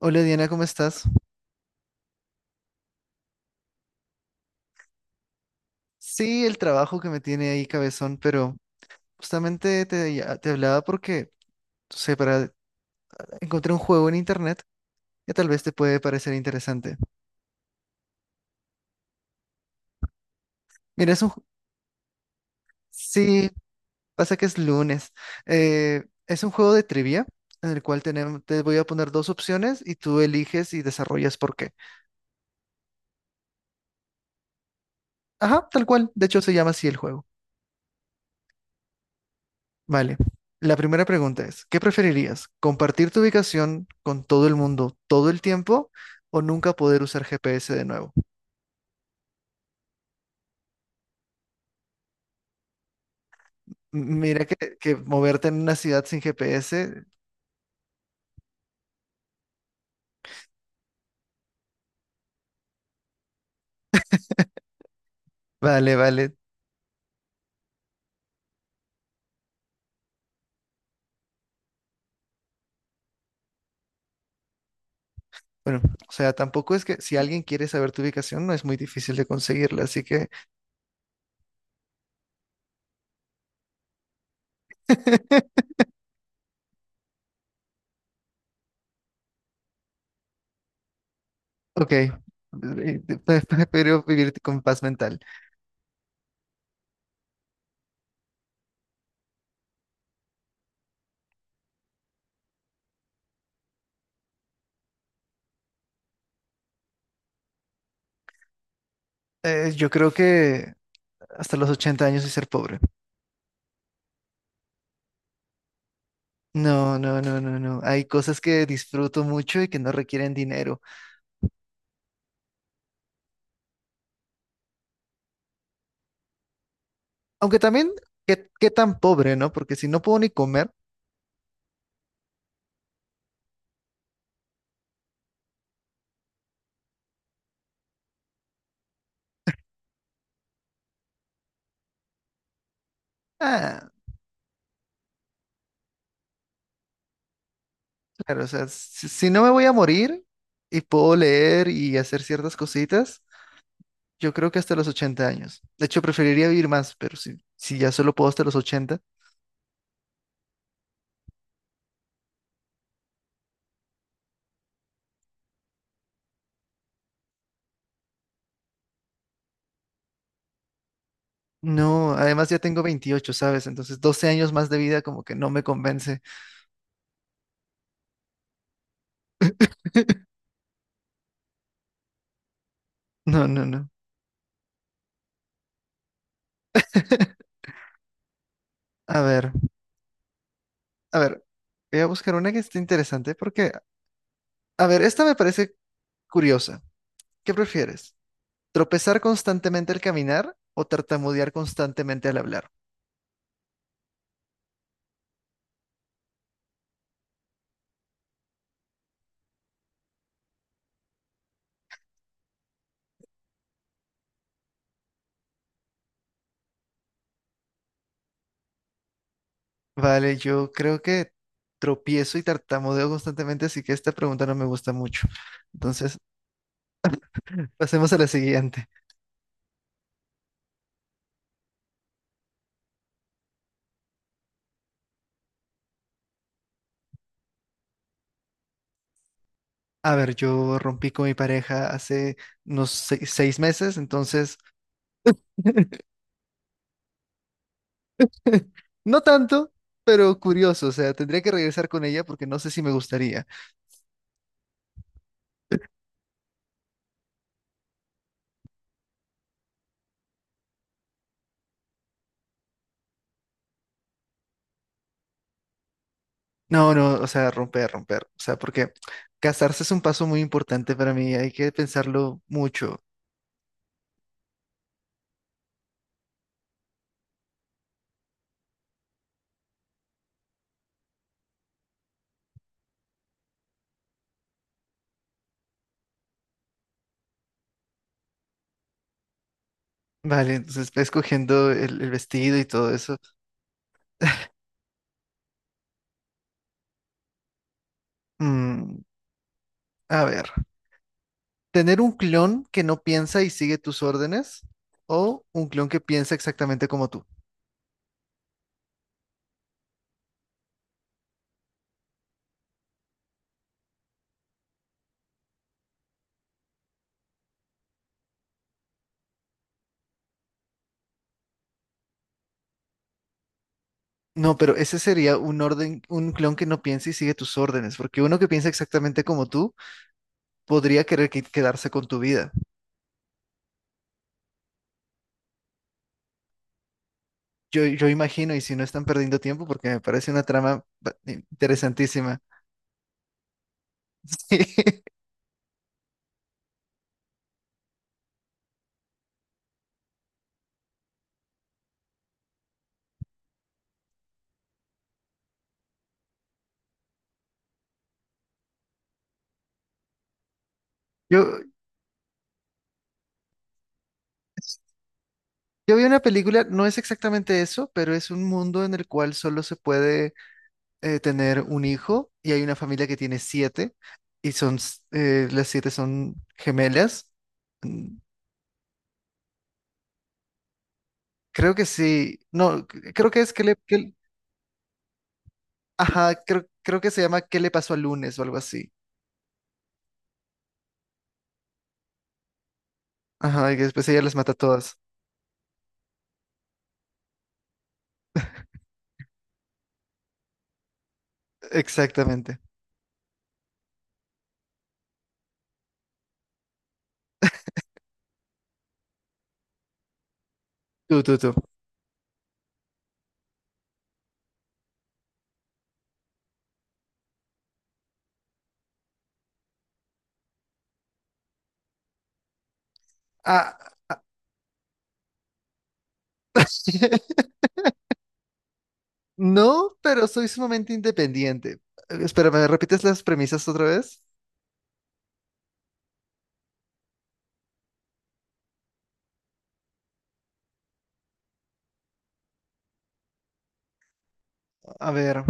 Hola Diana, ¿cómo estás? Sí, el trabajo que me tiene ahí cabezón, pero justamente te hablaba porque, no sé, para encontré un juego en internet que tal vez te puede parecer interesante. Mira, es un ju-. Sí, pasa que es lunes. Es un juego de trivia en el cual te voy a poner dos opciones y tú eliges y desarrollas por qué. Ajá, tal cual. De hecho, se llama así el juego. Vale. La primera pregunta es, ¿qué preferirías? ¿Compartir tu ubicación con todo el mundo todo el tiempo o nunca poder usar GPS de nuevo? Mira que moverte en una ciudad sin GPS, vale, vale. Bueno, o sea, tampoco es que si alguien quiere saber tu ubicación, no es muy difícil de conseguirla, así que, Ok, prefiero vivir con paz mental. Yo creo que hasta los 80 años y ser pobre. No, no, no, no, no. Hay cosas que disfruto mucho y que no requieren dinero. Aunque también, ¿qué tan pobre, ¿no? Porque si no puedo ni comer, ah, claro, o sea, si no me voy a morir y puedo leer y hacer ciertas cositas, yo creo que hasta los 80 años. De hecho, preferiría vivir más, pero si ya solo puedo hasta los 80, no, además ya tengo 28, ¿sabes? Entonces, 12 años más de vida como que no me convence. No, no, no. A ver, a ver, voy a buscar una que esté interesante porque, a ver, esta me parece curiosa. ¿Qué prefieres? Tropezar constantemente al caminar o tartamudear constantemente al hablar. Vale, yo creo que tropiezo y tartamudeo constantemente, así que esta pregunta no me gusta mucho. Entonces, pasemos a la siguiente. A ver, yo rompí con mi pareja hace unos 6 meses, entonces, no tanto, pero curioso, o sea, tendría que regresar con ella porque no sé si me gustaría. No, no, o sea, romper, romper, o sea, porque casarse es un paso muy importante para mí, hay que pensarlo mucho. Vale, entonces va escogiendo el vestido y todo eso. Mm, a ver, ¿tener un clon que no piensa y sigue tus órdenes? ¿O un clon que piensa exactamente como tú? No, pero ese sería un orden, un clon que no piensa y sigue tus órdenes, porque uno que piensa exactamente como tú podría querer quedarse con tu vida. Yo imagino, y si no están perdiendo tiempo, porque me parece una trama interesantísima. Sí. Yo, yo vi una película, no es exactamente eso, pero es un mundo en el cual solo se puede tener un hijo y hay una familia que tiene siete y son, las siete son gemelas. Mm. Creo que sí, no, creo que es que le. Ajá, creo que se llama ¿Qué le pasó al lunes o algo así? Ajá, y que después ella las mata a todas. Exactamente. Tú, tú, tú. Ah, ah, no, pero soy sumamente independiente. Espera, ¿me repites las premisas otra vez? A ver,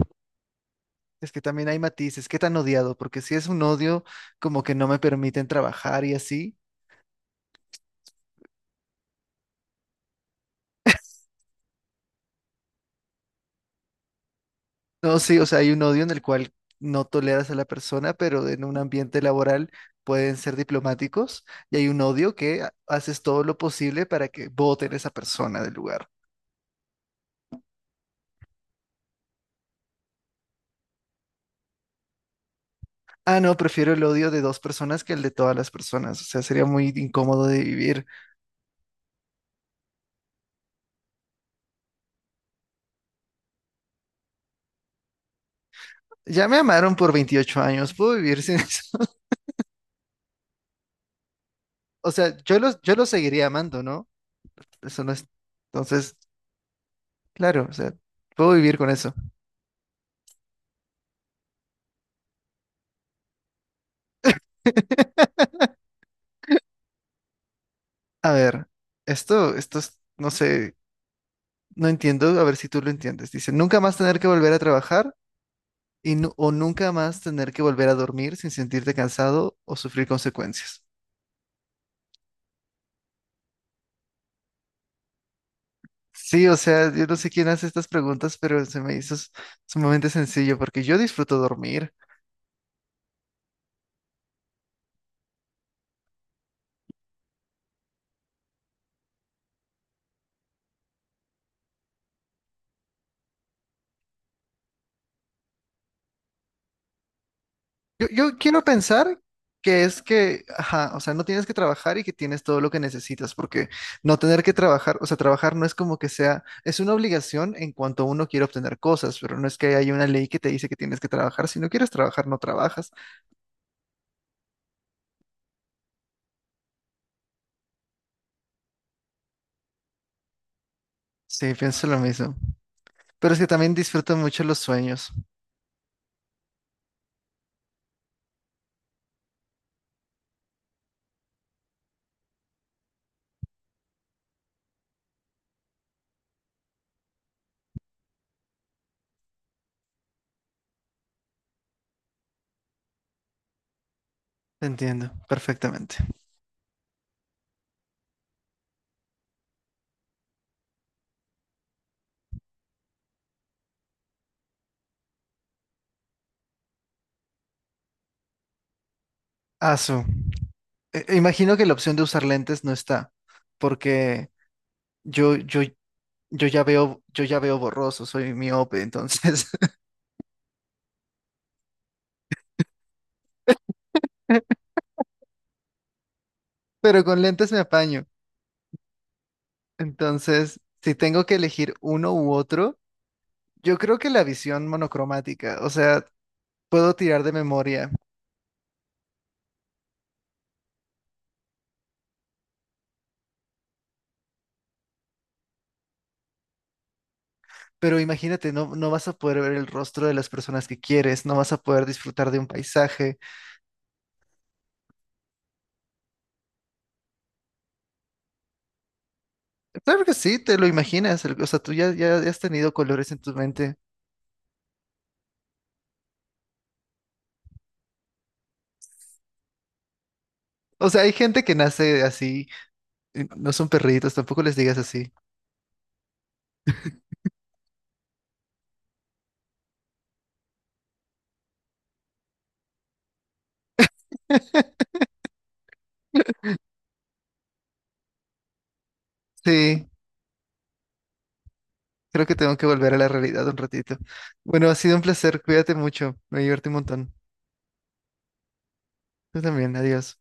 es que también hay matices. ¿Qué tan odiado? Porque si es un odio, como que no me permiten trabajar y así. No, sí, o sea, hay un odio en el cual no toleras a la persona, pero en un ambiente laboral pueden ser diplomáticos y hay un odio que haces todo lo posible para que voten a esa persona del lugar. Ah, no, prefiero el odio de dos personas que el de todas las personas. O sea, sería muy incómodo de vivir. Ya me amaron por 28 años, puedo vivir sin eso. O sea, yo los seguiría amando, ¿no? Eso no es. Entonces, claro, o sea, puedo vivir con eso. A ver, esto es, no sé. No entiendo, a ver si tú lo entiendes. Dice, nunca más tener que volver a trabajar o nunca más tener que volver a dormir sin sentirte cansado o sufrir consecuencias. Sí, o sea, yo no sé quién hace estas preguntas, pero se me hizo sumamente sencillo porque yo disfruto dormir. Yo quiero pensar que es que, ajá, o sea, no tienes que trabajar y que tienes todo lo que necesitas, porque no tener que trabajar, o sea, trabajar no es como que sea, es una obligación en cuanto uno quiere obtener cosas, pero no es que haya una ley que te dice que tienes que trabajar. Si no quieres trabajar, no trabajas. Sí, pienso lo mismo. Pero es que también disfruto mucho los sueños. Te entiendo, perfectamente. Ah, su. E imagino que la opción de usar lentes no está, porque yo, yo, yo ya veo borroso, soy miope, entonces. Pero con lentes me apaño. Entonces, si tengo que elegir uno u otro, yo creo que la visión monocromática, o sea, puedo tirar de memoria, pero imagínate, no, no vas a poder ver el rostro de las personas que quieres, no vas a poder disfrutar de un paisaje. Claro que sí, te lo imaginas, o sea, tú ya has tenido colores en tu mente. O sea, hay gente que nace así, y no son perritos, tampoco les digas así. Sí, creo que tengo que volver a la realidad un ratito. Bueno, ha sido un placer, cuídate mucho, me divertí un montón. Tú también, adiós.